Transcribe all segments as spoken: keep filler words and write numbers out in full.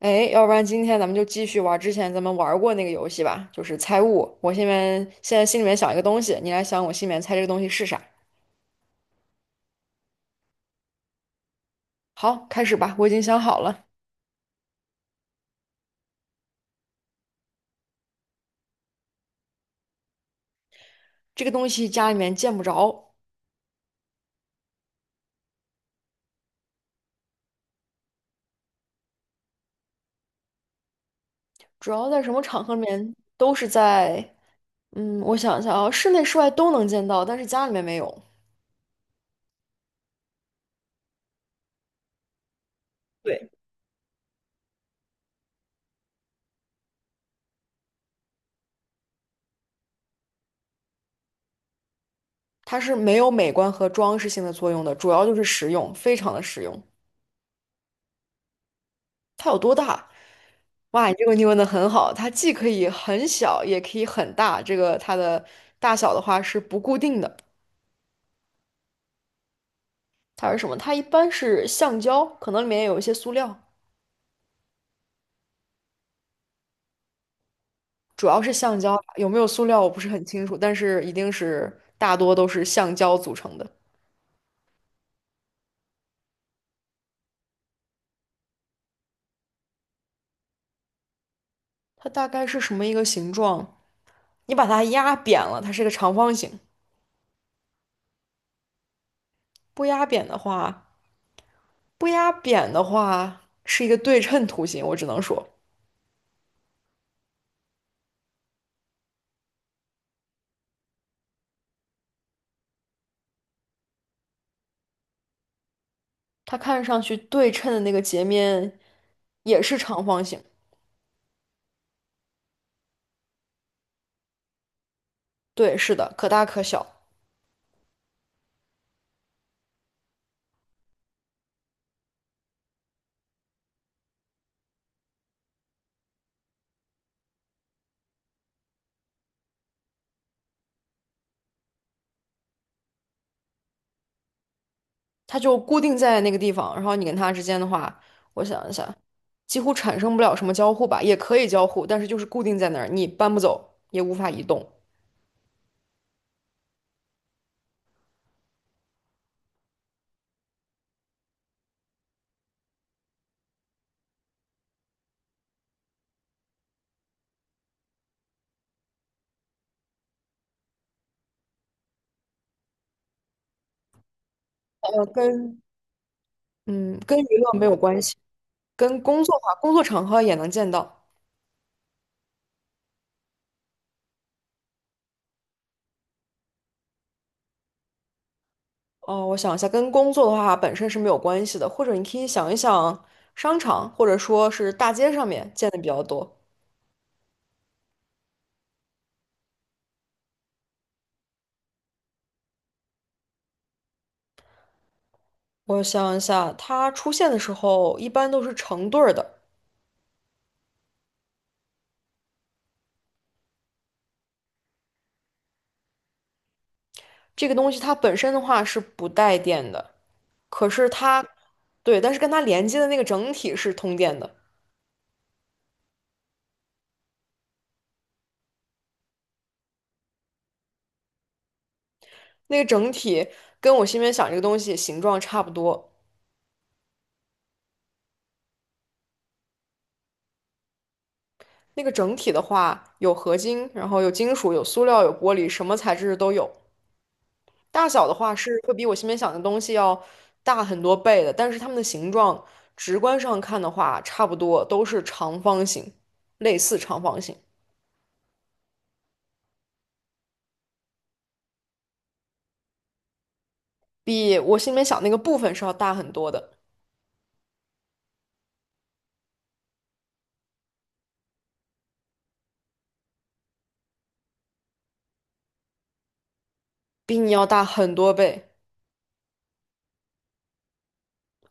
哎，要不然今天咱们就继续玩之前咱们玩过那个游戏吧，就是猜物。我现在现在心里面想一个东西，你来想我心里面猜这个东西是啥。好，开始吧，我已经想好了，这个东西家里面见不着，主要在什么场合里面都是在，嗯，我想一下啊，室内室外都能见到，但是家里面没有。对，它是没有美观和装饰性的作用的，主要就是实用，非常的实用。它有多大？哇，这个问题问的很好，它既可以很小，也可以很大。这个它的大小的话是不固定的。它是什么？它一般是橡胶，可能里面有一些塑料，主要是橡胶，有没有塑料我不是很清楚，但是一定是大多都是橡胶组成的。它大概是什么一个形状？你把它压扁了，它是个长方形；不压扁的话，不压扁的话是一个对称图形。我只能说，它看上去对称的那个截面也是长方形。对，是的，可大可小，它就固定在那个地方。然后你跟它之间的话，我想一下，几乎产生不了什么交互吧，也可以交互，但是就是固定在那儿，你搬不走，也无法移动。呃，跟嗯跟娱乐没有关系，跟工作的话，工作场合也能见到。哦，我想一下，跟工作的话本身是没有关系的，或者你可以想一想商场或者说是大街上面见的比较多。我想一下，它出现的时候一般都是成对儿的。这个东西它本身的话是不带电的，可是它，对，但是跟它连接的那个整体是通电的。那个整体跟我心里面想这个东西形状差不多。那个整体的话，有合金，然后有金属，有塑料，有玻璃，什么材质都有。大小的话是会比我心里面想的东西要大很多倍的，但是它们的形状直观上看的话，差不多都是长方形，类似长方形，比我心里面想那个部分是要大很多的，比你要大很多倍。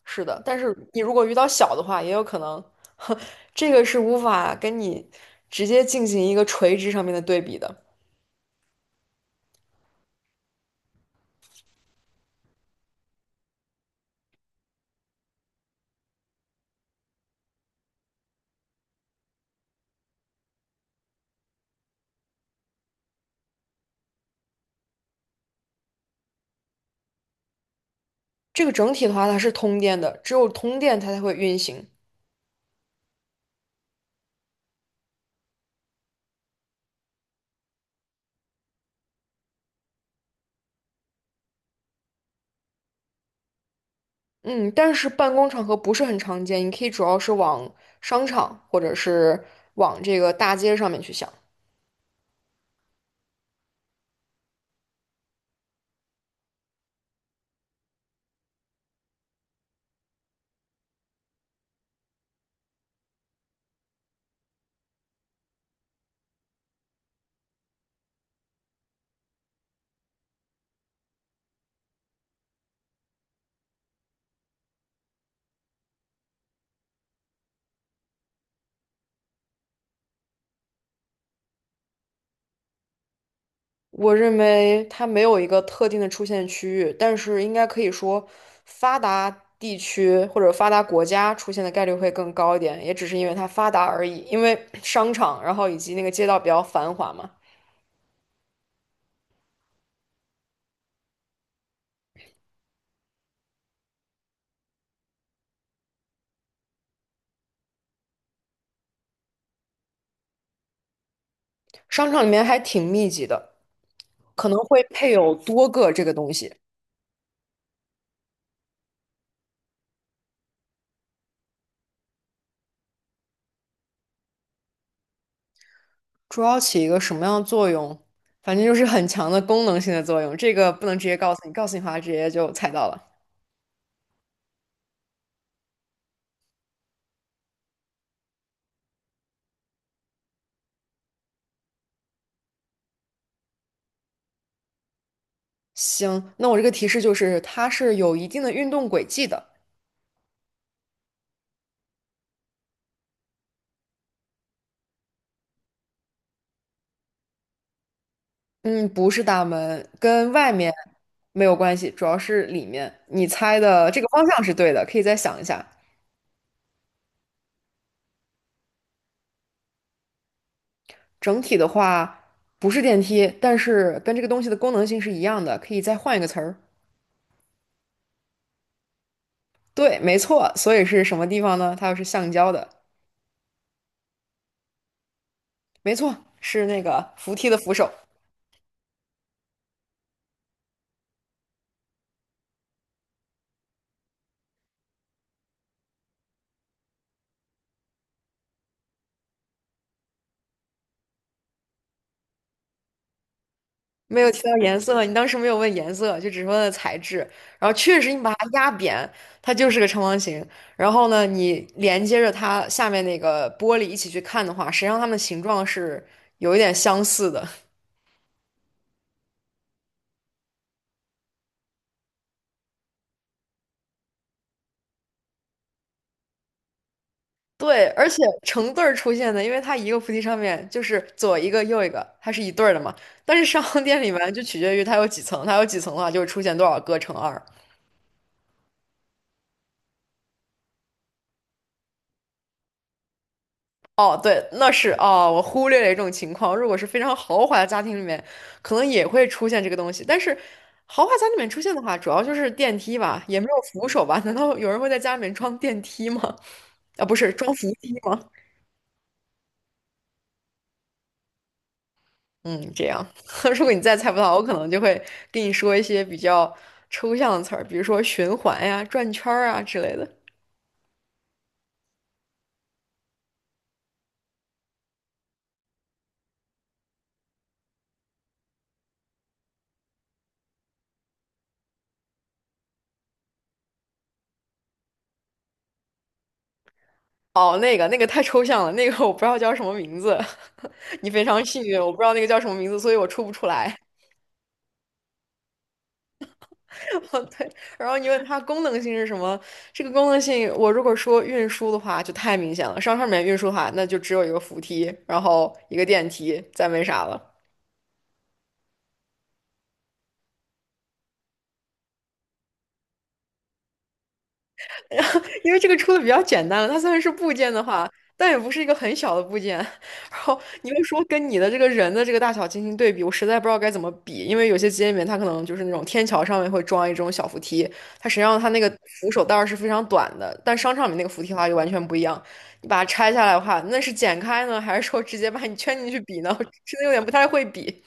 是的，但是你如果遇到小的话，也有可能，这个是无法跟你直接进行一个垂直上面的对比的。这个整体的话，它是通电的，只有通电它才会运行。嗯，但是办公场合不是很常见，你可以主要是往商场或者是往这个大街上面去想。我认为它没有一个特定的出现区域，但是应该可以说，发达地区或者发达国家出现的概率会更高一点，也只是因为它发达而已。因为 商场，然后以及那个街道比较繁华嘛，商场里面还挺密集的，可能会配有多个这个东西，主要起一个什么样的作用？反正就是很强的功能性的作用，这个不能直接告诉你，告诉你的话直接就猜到了。行，那我这个提示就是它是有一定的运动轨迹的。嗯，不是大门，跟外面没有关系，主要是里面。你猜的这个方向是对的，可以再想一下。整体的话不是电梯，但是跟这个东西的功能性是一样的，可以再换一个词儿。对，没错。所以是什么地方呢？它又是橡胶的，没错，是那个扶梯的扶手。没有提到颜色，你当时没有问颜色，就只是问了材质。然后确实你把它压扁，它就是个长方形。然后呢，你连接着它下面那个玻璃一起去看的话，实际上它们的形状是有一点相似的。对，而且成对儿出现的，因为它一个菩提上面就是左一个右一个，它是一对儿的嘛。但是商 店里面就取决于它有几层，它有几层的话就会出现多少个乘二。哦，对，那是哦，我忽略了一种情况。如果是非常豪华的家庭里面，可能也会出现这个东西。但是，豪华家里面出现的话，主要就是电梯吧，也没有扶手吧？难道有人会在家里面装电梯吗？啊，不是，装扶梯吗？嗯，这样。如果你再猜不到，我可能就会跟你说一些比较抽象的词儿，比如说循环呀、转圈儿啊之类的。哦，那个那个太抽象了，那个我不知道叫什么名字。你非常幸运，我不知道那个叫什么名字，所以我出不出来。哦，对，然后你问它功能性是什么？这个功能性，我如果说运输的话，就太明显了。商场里面运输的话，那就只有一个扶梯，然后一个电梯，再没啥了。因为这个出的比较简单了，它虽然是部件的话，但也不是一个很小的部件。然后你又说跟你的这个人的这个大小进行对比，我实在不知道该怎么比，因为有些机械里面它可能就是那种天桥上面会装一种小扶梯，它实际上它那个扶手带儿是非常短的，但商场里面那个扶梯的话就完全不一样。你把它拆下来的话，那是剪开呢，还是说直接把你圈进去比呢？真的有点不太会比。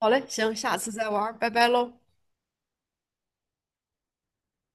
好嘞，行，下次再玩儿拜拜喽。